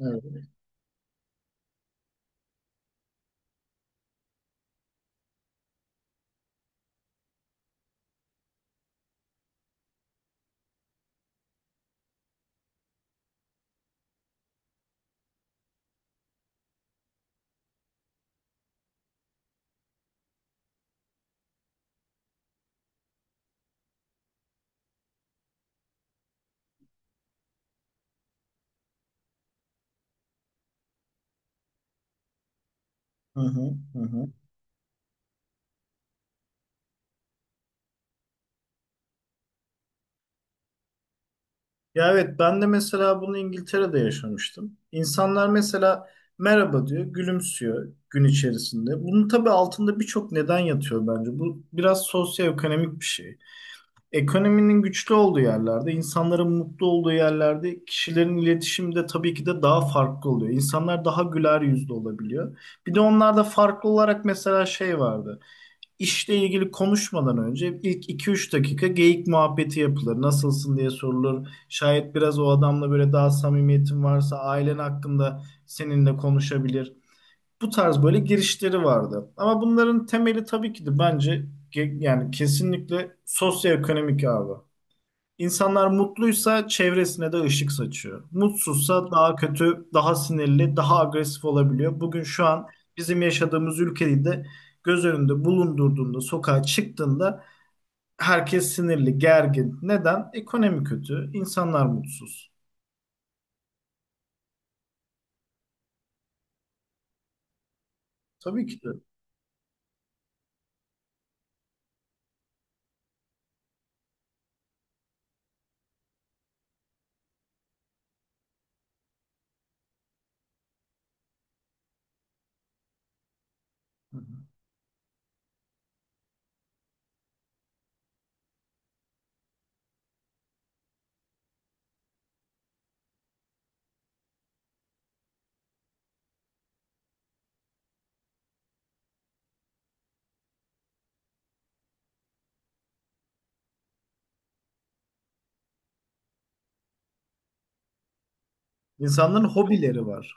Evet. Hı hı, hı hı. Ya evet ben de mesela bunu İngiltere'de yaşamıştım. İnsanlar mesela merhaba diyor, gülümsüyor gün içerisinde. Bunun tabii altında birçok neden yatıyor bence. Bu biraz sosyoekonomik bir şey. Ekonominin güçlü olduğu yerlerde, insanların mutlu olduğu yerlerde kişilerin iletişimi de tabii ki de daha farklı oluyor. İnsanlar daha güler yüzlü olabiliyor. Bir de onlarda farklı olarak mesela şey vardı. İşle ilgili konuşmadan önce ilk iki üç dakika geyik muhabbeti yapılır. Nasılsın diye sorulur. Şayet biraz o adamla böyle daha samimiyetin varsa ailen hakkında seninle konuşabilir. Bu tarz böyle girişleri vardı. Ama bunların temeli tabii ki de bence yani kesinlikle sosyoekonomik abi. İnsanlar mutluysa çevresine de ışık saçıyor. Mutsuzsa daha kötü, daha sinirli, daha agresif olabiliyor. Bugün şu an bizim yaşadığımız ülkede de göz önünde bulundurduğunda, sokağa çıktığında herkes sinirli, gergin. Neden? Ekonomi kötü, insanlar mutsuz. Tabii ki de. Hı hı. İnsanların hobileri var.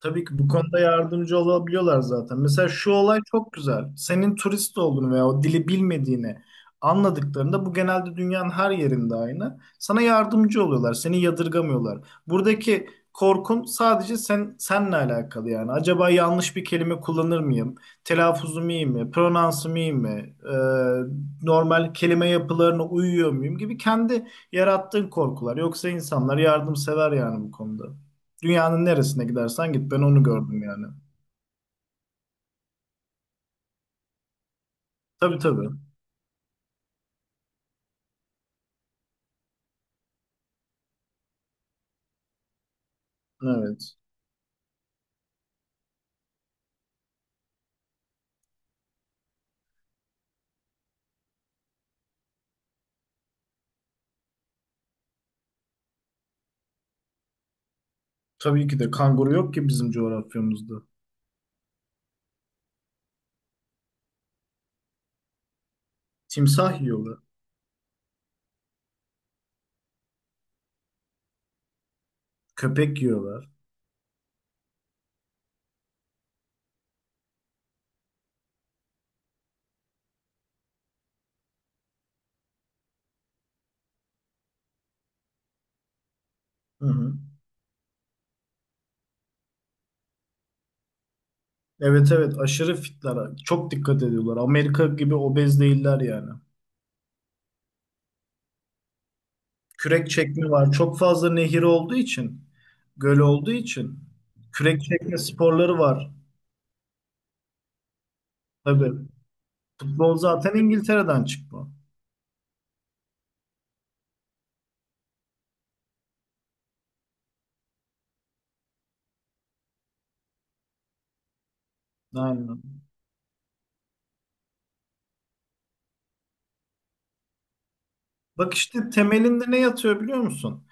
Tabii ki bu konuda yardımcı olabiliyorlar zaten. Mesela şu olay çok güzel. Senin turist olduğunu veya o dili bilmediğini anladıklarında bu genelde dünyanın her yerinde aynı. Sana yardımcı oluyorlar, seni yadırgamıyorlar. Buradaki korkun sadece sen senle alakalı yani. Acaba yanlış bir kelime kullanır mıyım? Telaffuzum iyi mi? Pronansım iyi mi? Normal kelime yapılarına uyuyor muyum gibi kendi yarattığın korkular. Yoksa insanlar yardımsever yani bu konuda. Dünyanın neresine gidersen git. Ben onu gördüm yani. Tabii tabii. Evet. Tabii ki de kanguru yok ki bizim coğrafyamızda. Timsah yiyorlar. Köpek yiyorlar. Hı hı. Evet evet aşırı fitler. Çok dikkat ediyorlar. Amerika gibi obez değiller yani. Kürek çekme var. Çok fazla nehir olduğu için, göl olduğu için kürek çekme sporları var. Tabii. Futbol zaten İngiltere'den çıkma. Aynen. Bak işte temelinde ne yatıyor biliyor musun?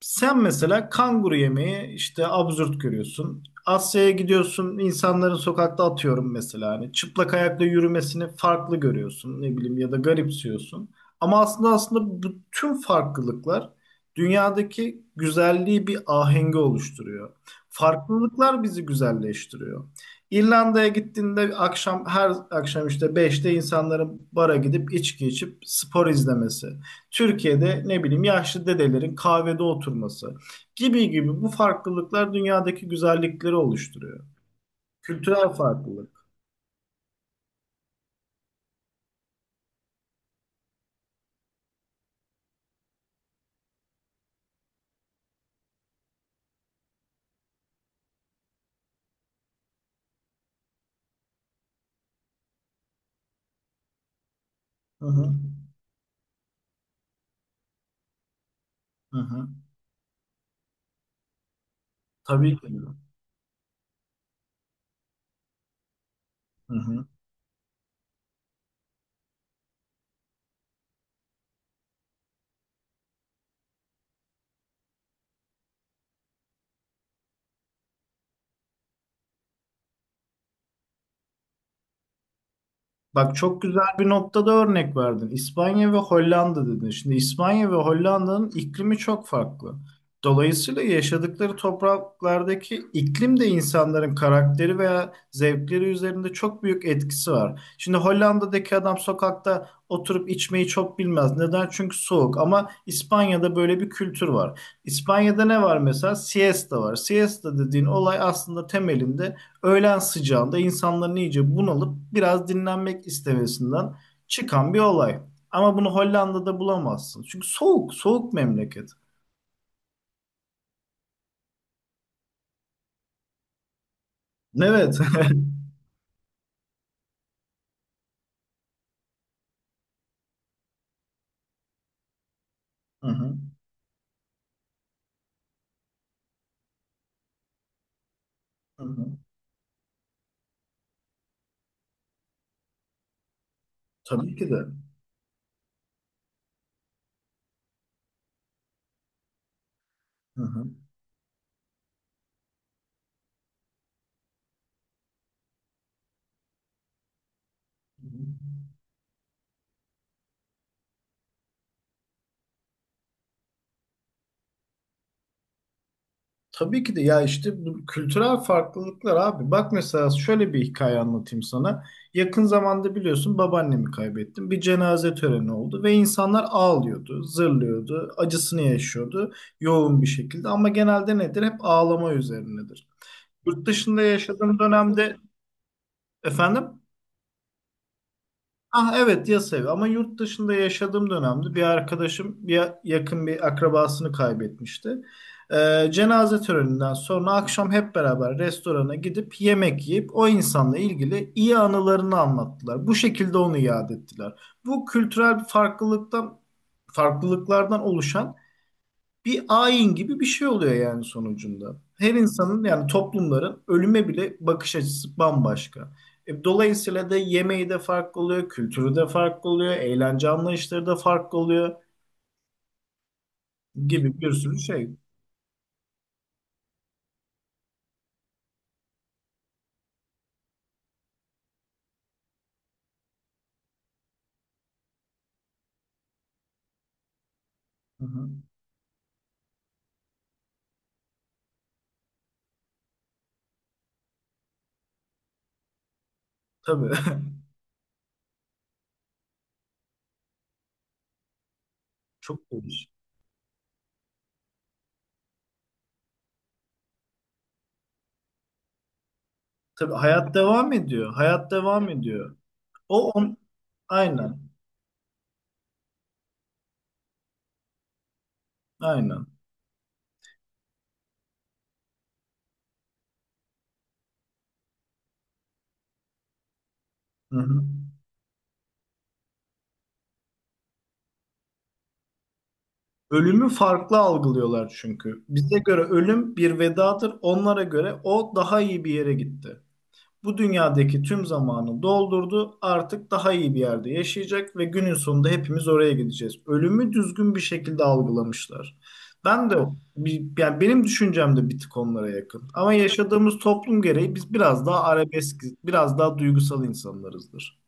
Sen mesela kanguru yemeği işte absürt görüyorsun. Asya'ya gidiyorsun, insanların sokakta atıyorum mesela hani çıplak ayakla yürümesini farklı görüyorsun, ne bileyim ya da garipsiyorsun. Ama aslında bütün farklılıklar dünyadaki güzelliği bir ahengi oluşturuyor. Farklılıklar bizi güzelleştiriyor. İrlanda'ya gittiğinde akşam her akşam işte beşte insanların bara gidip içki içip spor izlemesi. Türkiye'de ne bileyim yaşlı dedelerin kahvede oturması gibi gibi bu farklılıklar dünyadaki güzellikleri oluşturuyor. Kültürel farklılık. Hı hı. Hı hı. Tabii ki. Hı hı. Bak çok güzel bir noktada örnek verdin. İspanya ve Hollanda dedin. Şimdi İspanya ve Hollanda'nın iklimi çok farklı. Dolayısıyla yaşadıkları topraklardaki iklim de insanların karakteri veya zevkleri üzerinde çok büyük etkisi var. Şimdi Hollanda'daki adam sokakta oturup içmeyi çok bilmez. Neden? Çünkü soğuk. Ama İspanya'da böyle bir kültür var. İspanya'da ne var mesela? Siesta var. Siesta dediğin olay aslında temelinde öğlen sıcağında insanların iyice bunalıp biraz dinlenmek istemesinden çıkan bir olay. Ama bunu Hollanda'da bulamazsın. Çünkü soğuk, soğuk memleket. Evet. Hı hı. Hı hı. Tabii ki de. Hı hı. Hı hı. Tabii ki de ya işte bu kültürel farklılıklar abi. Bak mesela şöyle bir hikaye anlatayım sana. Yakın zamanda biliyorsun babaannemi kaybettim. Bir cenaze töreni oldu ve insanlar ağlıyordu, zırlıyordu, acısını yaşıyordu yoğun bir şekilde. Ama genelde nedir? Hep ağlama üzerinedir. Yurt dışında yaşadığım dönemde efendim. Ah evet yas evi ama yurt dışında yaşadığım dönemde bir arkadaşım bir yakın bir akrabasını kaybetmişti. Cenaze töreninden sonra akşam hep beraber restorana gidip yemek yiyip o insanla ilgili iyi anılarını anlattılar. Bu şekilde onu yad ettiler. Bu kültürel bir farklılıktan farklılıklardan oluşan bir ayin gibi bir şey oluyor yani sonucunda. Her insanın yani toplumların ölüme bile bakış açısı bambaşka. Dolayısıyla da yemeği de farklı oluyor, kültürü de farklı oluyor, eğlence anlayışları da farklı oluyor gibi bir sürü şey. Hı hı. Tabii. Çok değişik. Tabii hayat devam ediyor. Hayat devam ediyor. O on aynen. Aynen. Hı hı. Ölümü farklı algılıyorlar çünkü. Bize göre ölüm bir vedadır. Onlara göre o daha iyi bir yere gitti. Bu dünyadaki tüm zamanı doldurdu. Artık daha iyi bir yerde yaşayacak ve günün sonunda hepimiz oraya gideceğiz. Ölümü düzgün bir şekilde algılamışlar. Ben de yani benim düşüncem de bir tık onlara yakın. Ama yaşadığımız toplum gereği biz biraz daha arabesk, biraz daha duygusal insanlarızdır.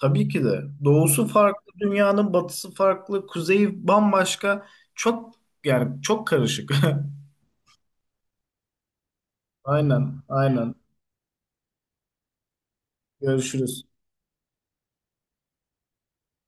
Tabii ki de doğusu farklı, dünyanın batısı farklı, kuzeyi bambaşka. Çok yani çok karışık. Aynen, aynen. Görüşürüz.